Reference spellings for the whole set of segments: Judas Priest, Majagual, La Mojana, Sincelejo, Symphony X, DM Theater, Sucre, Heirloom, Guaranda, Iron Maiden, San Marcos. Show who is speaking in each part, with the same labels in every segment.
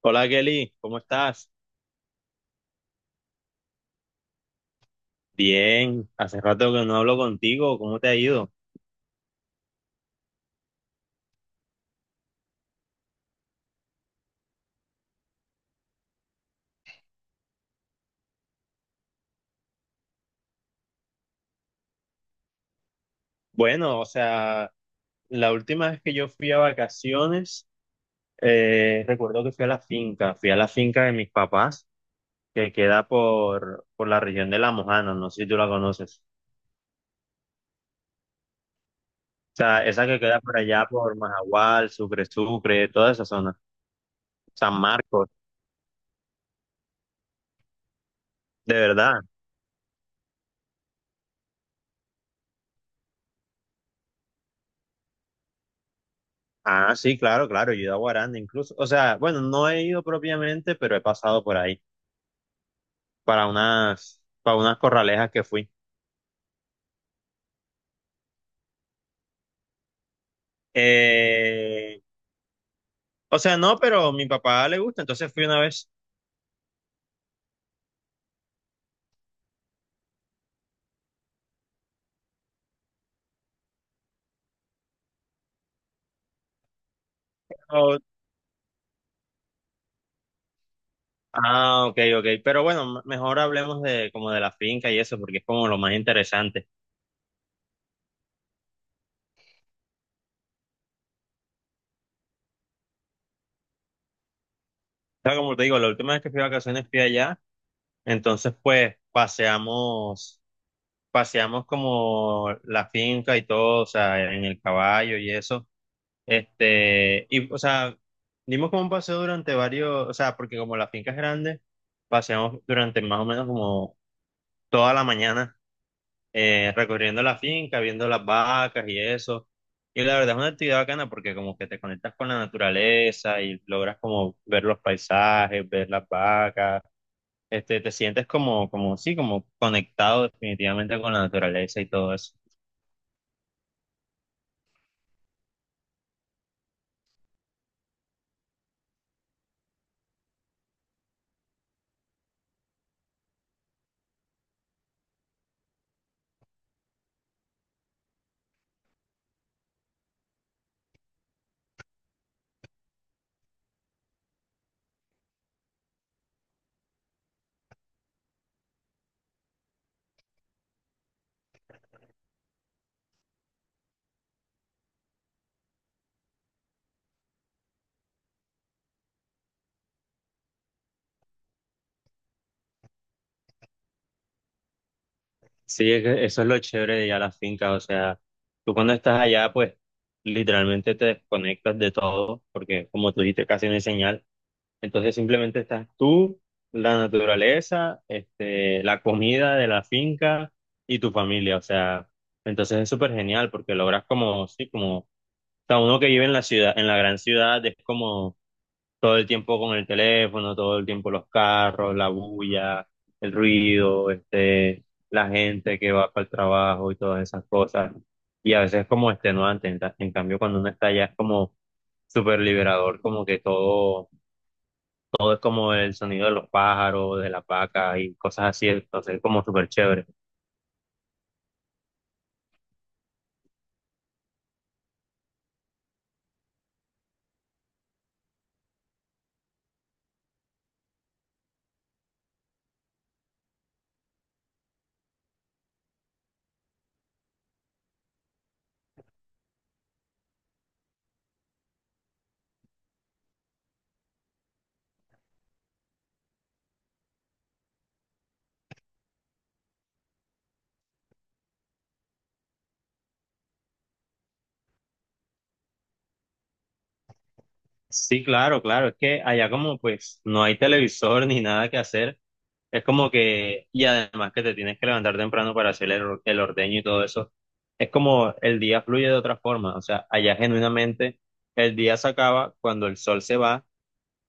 Speaker 1: Hola Kelly, ¿cómo estás? Bien, hace rato que no hablo contigo, ¿cómo te ha ido? Bueno, o sea, la última vez que yo fui a vacaciones, recuerdo que fui a la finca, fui a la finca de mis papás, que queda por la región de La Mojana, no sé si tú la conoces. O sea, esa que queda por allá por Majagual, Sucre, toda esa zona, San Marcos, de verdad. Ah, sí, claro, claro, yo he ido a Guaranda incluso. O sea, bueno, no he ido propiamente, pero he pasado por ahí. Para unas corralejas que fui. Eh, o sea, no, pero a mi papá le gusta, entonces fui una vez. Oh, ah, ok, ok. Pero bueno, mejor hablemos de como de la finca y eso, porque es como lo más interesante. O sea, como te digo, la última vez que fui de vacaciones fui allá, entonces pues paseamos, paseamos como la finca y todo, o sea, en el caballo y eso. Este, y, o sea, dimos como un paseo durante varios, o sea, porque como la finca es grande, paseamos durante más o menos como toda la mañana, recorriendo la finca, viendo las vacas y eso. Y la verdad es una actividad bacana porque como que te conectas con la naturaleza y logras como ver los paisajes, ver las vacas, este, te sientes como, sí, como conectado definitivamente con la naturaleza y todo eso. Sí, es que eso es lo chévere de ir a la finca, o sea, tú cuando estás allá, pues literalmente te desconectas de todo, porque como tú dijiste, casi no hay señal, entonces simplemente estás tú, la naturaleza, este, la comida de la finca y tu familia, o sea, entonces es súper genial porque logras como, sí, como, o sea, uno que vive en la ciudad, en la gran ciudad, es como todo el tiempo con el teléfono, todo el tiempo los carros, la bulla, el ruido, este, la gente que va para el trabajo y todas esas cosas. Y a veces es como extenuante, en cambio cuando uno está allá es como súper liberador, como que todo, todo es como el sonido de los pájaros, de la vaca y cosas así, entonces es como súper chévere. Sí, claro, claro, es que allá como pues no hay televisor ni nada que hacer. Es como que, y además que te tienes que levantar temprano para hacer el ordeño y todo eso, es como el día fluye de otra forma, o sea, allá genuinamente el día se acaba cuando el sol se va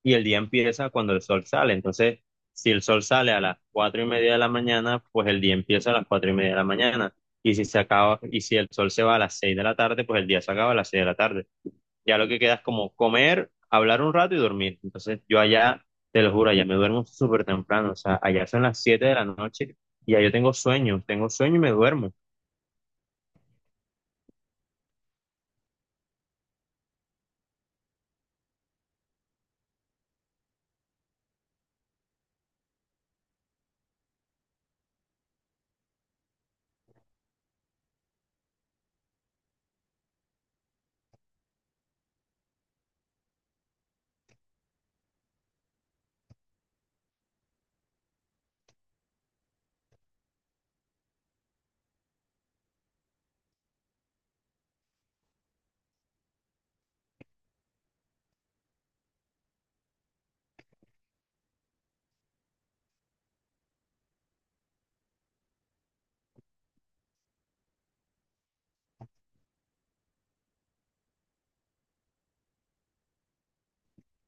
Speaker 1: y el día empieza cuando el sol sale. Entonces, si el sol sale a las 4:30 de la mañana, pues el día empieza a las 4:30 de la mañana. Y si se acaba, y si el sol se va a las 6 de la tarde, pues el día se acaba a las 6 de la tarde, ya lo que queda es como comer, hablar un rato y dormir. Entonces yo allá, te lo juro, allá me duermo súper temprano, o sea, allá son las 7 de la noche y ya yo tengo sueño y me duermo.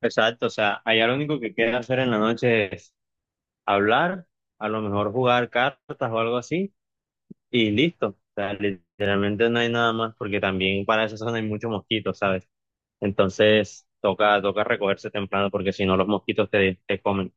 Speaker 1: Exacto, o sea, allá lo único que queda hacer en la noche es hablar, a lo mejor jugar cartas o algo así y listo. O sea, literalmente no hay nada más porque también para esa zona hay muchos mosquitos, ¿sabes? Entonces toca recogerse temprano porque si no los mosquitos te comen.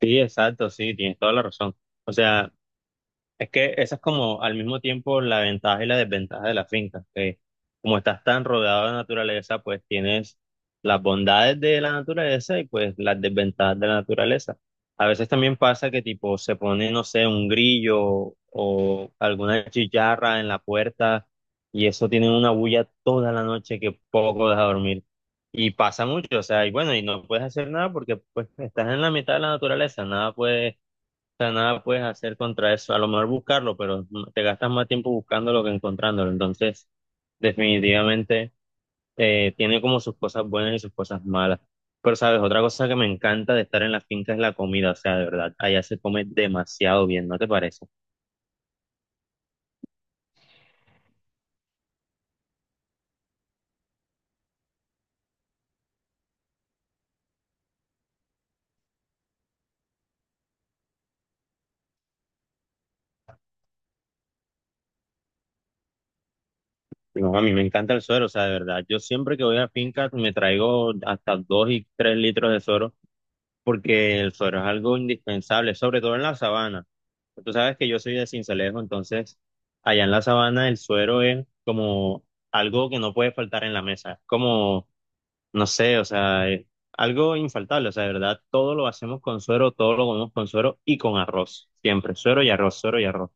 Speaker 1: Sí, exacto, sí, tienes toda la razón. O sea, es que esa es como al mismo tiempo la ventaja y la desventaja de la finca, que como estás tan rodeado de naturaleza, pues tienes las bondades de la naturaleza y pues las desventajas de la naturaleza. A veces también pasa que tipo se pone, no sé, un grillo o alguna chicharra en la puerta y eso tiene una bulla toda la noche que poco deja dormir. Y pasa mucho, o sea, y bueno, y no puedes hacer nada porque pues estás en la mitad de la naturaleza, nada puedes hacer contra eso. A lo mejor buscarlo, pero te gastas más tiempo buscándolo que encontrándolo. Entonces, definitivamente tiene como sus cosas buenas y sus cosas malas. Pero, ¿sabes? Otra cosa que me encanta de estar en la finca es la comida. O sea, de verdad, allá se come demasiado bien, ¿no te parece? Digo, a mí me encanta el suero, o sea, de verdad. Yo siempre que voy a finca me traigo hasta 2 y 3 litros de suero porque el suero es algo indispensable, sobre todo en la sabana. Tú sabes que yo soy de Sincelejo, entonces allá en la sabana el suero es como algo que no puede faltar en la mesa. Es como, no sé, o sea, es algo infaltable, o sea, de verdad, todo lo hacemos con suero, todo lo comemos con suero y con arroz, siempre, suero y arroz, suero y arroz.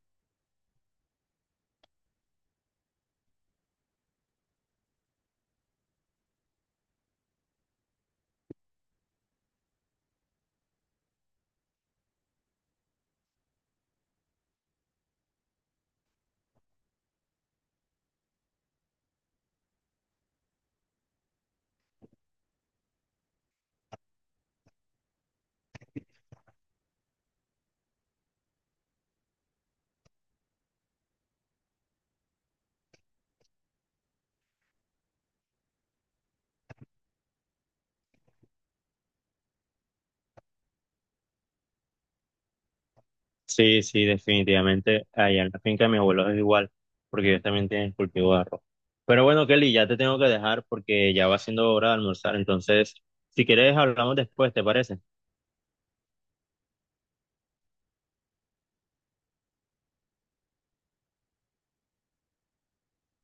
Speaker 1: Sí, sí, definitivamente. Allá en la finca de mi abuelo es igual, porque ellos también tienen cultivo de arroz. Pero bueno, Kelly, ya te tengo que dejar porque ya va siendo hora de almorzar. Entonces, si quieres, hablamos después, ¿te parece?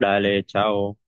Speaker 1: Dale, chao.